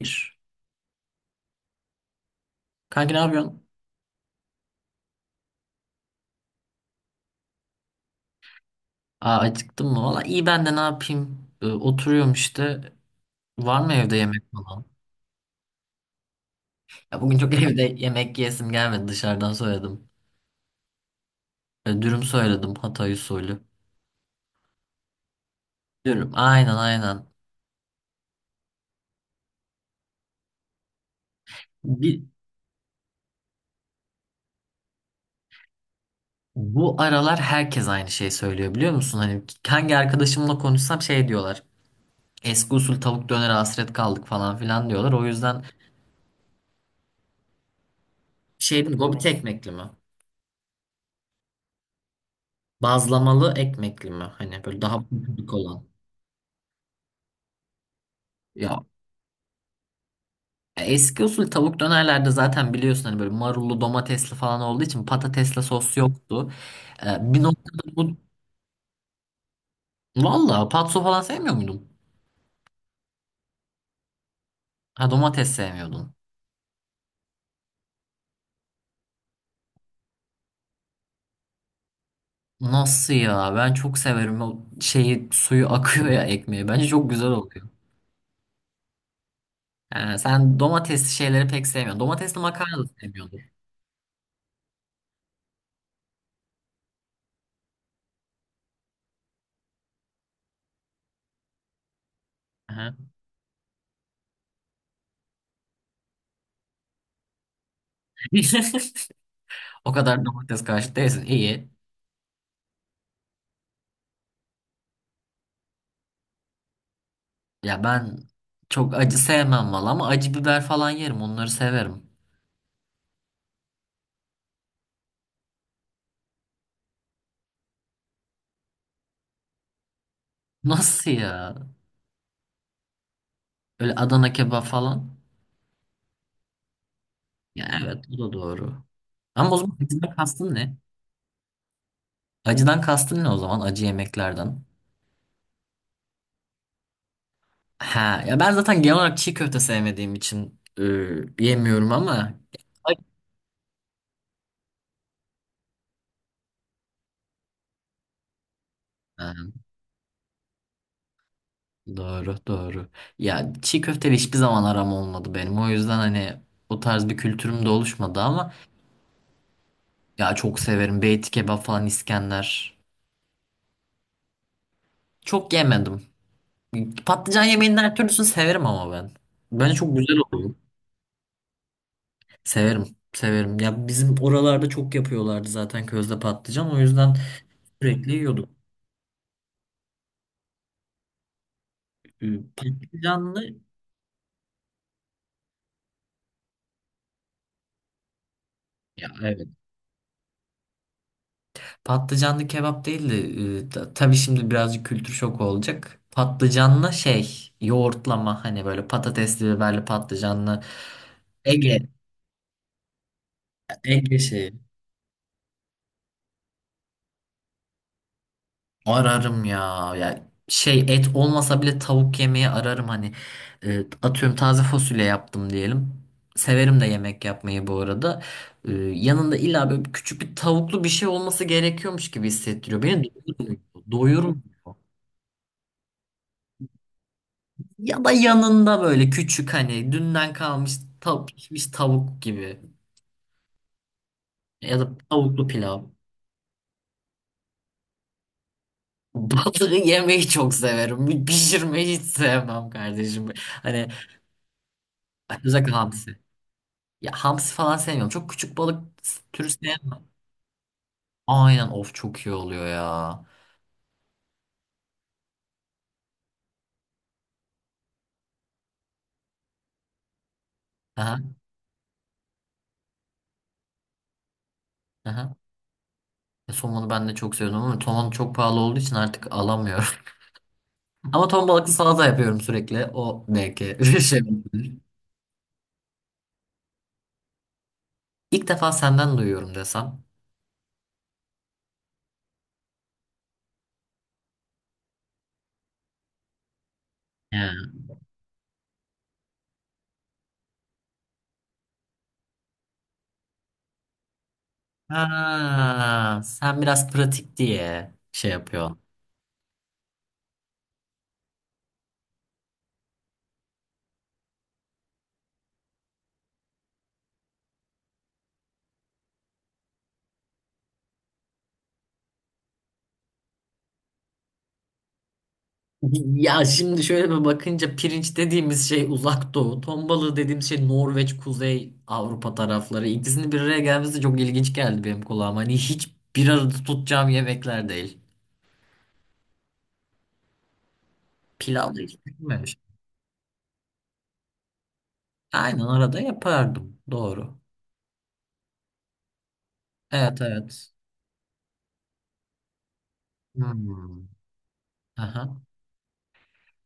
Bir. Kanka ne yapıyorsun? Aa, acıktım mı? Valla iyi ben de ne yapayım? Oturuyorum işte. Var mı evde yemek falan? Ya bugün çok evde yemek yesim gelmedi. Dışarıdan söyledim. Dürüm söyledim. Hatay usulü. Dürüm. Aynen aynen. Bir, Bu aralar herkes aynı şey söylüyor biliyor musun? Hani hangi arkadaşımla konuşsam şey diyorlar. Eski usul tavuk döner hasret kaldık falan filan diyorlar. O yüzden şey dedim, gobit ekmekli mi? Bazlamalı ekmekli mi? Hani böyle daha büyük olan. Ya eski usul tavuk dönerlerde zaten biliyorsun hani böyle marullu domatesli falan olduğu için patatesle sos yoktu. Bir noktada bu... Valla patso falan sevmiyor muydun? Ha, domates sevmiyordun. Nasıl ya? Ben çok severim o şeyi, suyu akıyor ya ekmeği. Bence çok güzel oluyor. Ha, sen domatesli şeyleri pek sevmiyorsun. Domatesli makarna da sevmiyordun. Aha. O kadar domates karşı değilsin. İyi. Ya ben çok acı sevmem valla ama acı biber falan yerim. Onları severim. Nasıl ya? Öyle Adana kebap falan. Ya evet, bu da doğru. Ama o zaman acıdan kastın ne? Acıdan kastın ne o zaman, acı yemeklerden? Ha ya, ben zaten genel olarak çiğ köfte sevmediğim için yemiyorum ama ha, doğru doğru. Ya çiğ köfteyle hiçbir zaman aram olmadı benim. O yüzden hani o tarz bir kültürüm de oluşmadı ama ya, çok severim. Beyti kebap falan, İskender. Çok yemedim. Patlıcan yemeğinin her türlüsünü severim ama ben. Bence çok güzel oluyor. Severim, severim. Ya bizim oralarda çok yapıyorlardı zaten közde patlıcan. O yüzden sürekli yiyorduk. Ee, Patlıcanlı ya evet. Patlıcanlı kebap değil de tabii şimdi birazcık kültür şoku olacak. Patlıcanlı şey yoğurtlama, hani böyle patatesli biberli patlıcanlı Ege Ege şeyi. Ararım ya. Ya şey, et olmasa bile tavuk yemeği ararım hani. Atıyorum taze fasulye yaptım diyelim. Severim de yemek yapmayı bu arada. Yanında illa böyle küçük bir tavuklu bir şey olması gerekiyormuş gibi hissettiriyor. Beni doyurmuyor. Doyurmuyor. Ya da yanında böyle küçük hani dünden kalmış pişmiş tavuk gibi. Ya da tavuklu pilav. Balığı yemeyi çok severim. Pişirmeyi hiç sevmem kardeşim. Hani özellikle hamsi. Ya hamsi falan sevmiyorum. Çok küçük balık türü sevmiyorum. Aynen, of çok iyi oluyor ya. Aha, aha. Somonu ben de çok seviyorum ama somon çok pahalı olduğu için artık alamıyorum. Ama ton balıklı salata yapıyorum sürekli. O belki bir şey olabilir. İlk defa senden duyuyorum desem. Yani. Ha, sen biraz pratik diye şey yapıyorsun. Ya şimdi şöyle bir bakınca pirinç dediğimiz şey uzak doğu. Ton balığı dediğimiz şey Norveç, Kuzey Avrupa tarafları. İkisinin bir araya gelmesi çok ilginç geldi benim kulağıma. Hani hiç bir arada tutacağım yemekler değil. Pilav da hiç düşünmemiş. Aynen, arada yapardım. Doğru. Evet evet. Hmm. Aha.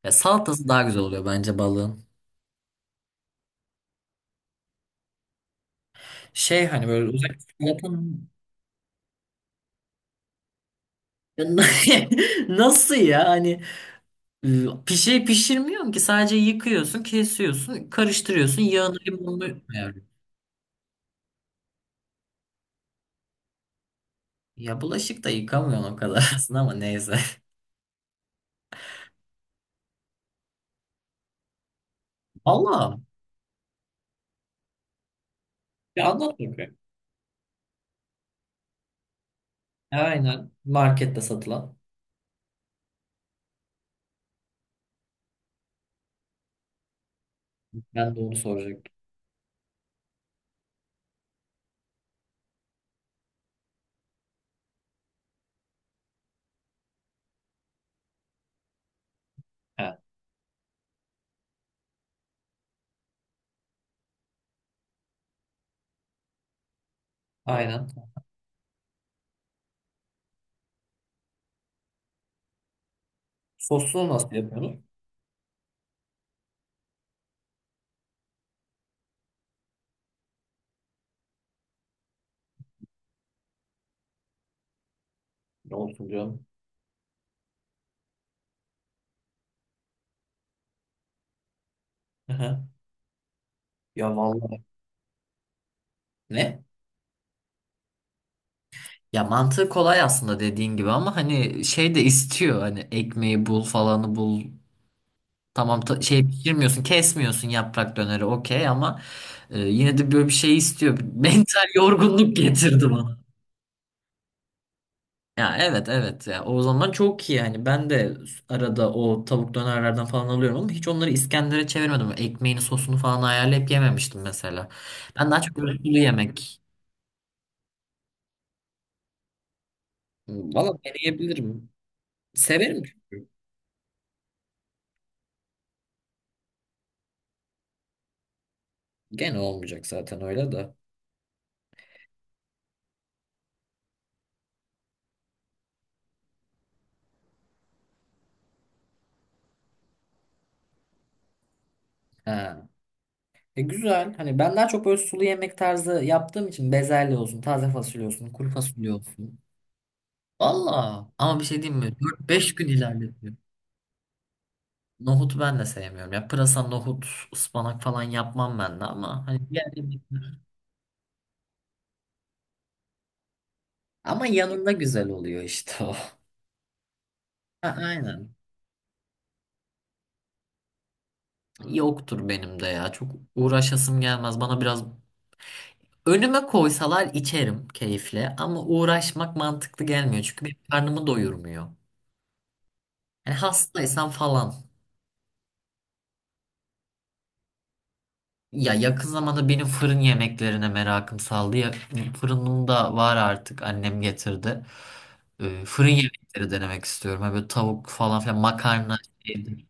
Ya salatası daha güzel oluyor bence balığın. Şey hani böyle özellikle salatanın... Nasıl ya? Hani. Ee, Bir şey pişirmiyorsun ki, sadece yıkıyorsun, kesiyorsun, karıştırıyorsun, yağını limonunu. Ya bulaşık da yıkamıyorsun o kadar aslında ama neyse. Allah. Ya anlat bakayım. Aynen. Markette satılan. Ben de onu soracaktım. He, aynen. Sosunu nasıl yapıyorsunuz? Ne olsun diyorum. Aha. Ya vallahi. Ne? Ya mantığı kolay aslında dediğin gibi ama hani şey de istiyor, hani ekmeği bul, falanı bul. Şey pişirmiyorsun, kesmiyorsun, yaprak döneri okey ama yine de böyle bir şey istiyor. Mental yorgunluk getirdi bana. Ya evet evet, ya o zaman çok iyi yani, ben de arada o tavuk dönerlerden falan alıyorum ama hiç onları İskender'e çevirmedim. Ekmeğini sosunu falan ayarlayıp yememiştim mesela. Ben daha çok böyle sulu yemek. Hmm, valla deneyebilirim. Severim çünkü. Gene olmayacak zaten öyle de. E güzel. Hani ben daha çok böyle sulu yemek tarzı yaptığım için, bezelye olsun, taze fasulye olsun, kuru fasulye olsun. Valla. Ama bir şey diyeyim mi? 4-5 gün ilerletiyor. Nohutu ben de sevmiyorum. Ya pırasa, nohut, ıspanak falan yapmam ben de ama hani diğer yemekler. Ama yanında güzel oluyor işte o. Ha, aynen. Yoktur benim de ya. Çok uğraşasım gelmez. Bana biraz, önüme koysalar içerim keyifle ama uğraşmak mantıklı gelmiyor. Çünkü benim karnımı doyurmuyor. Yani hastaysam falan. Ya yakın zamanda benim fırın yemeklerine merakım saldı. Ya, fırınım da var artık, annem getirdi. Fırın yemekleri denemek istiyorum. Ha, böyle tavuk falan filan, makarna şeydir.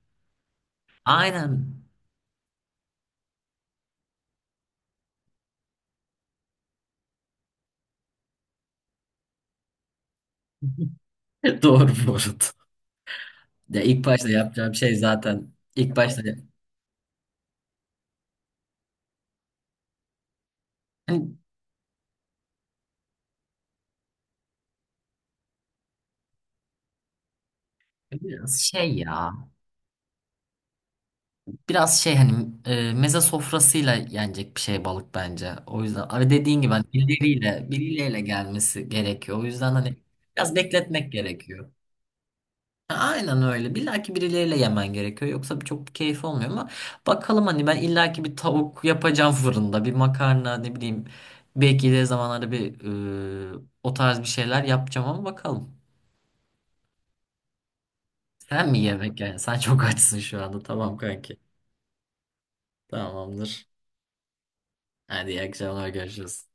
Aynen. Doğru bu arada. Ya ilk başta yapacağım şey, zaten ilk başta hani biraz şey ya biraz şey hani meze sofrasıyla yenecek bir şey balık bence. O yüzden abi dediğin gibi hani birileriyle gelmesi gerekiyor. O yüzden hani biraz bekletmek gerekiyor. Aynen öyle. Bilaki birileriyle yemen gerekiyor. Yoksa çok keyif olmuyor ama bakalım, hani ben illaki bir tavuk yapacağım fırında. Bir makarna, ne bileyim. Belki de zamanlarda bir o tarz bir şeyler yapacağım ama bakalım. Sen mi yemek yani? Sen çok açsın şu anda. Tamam kanki. Tamamdır. Hadi iyi akşamlar, görüşürüz.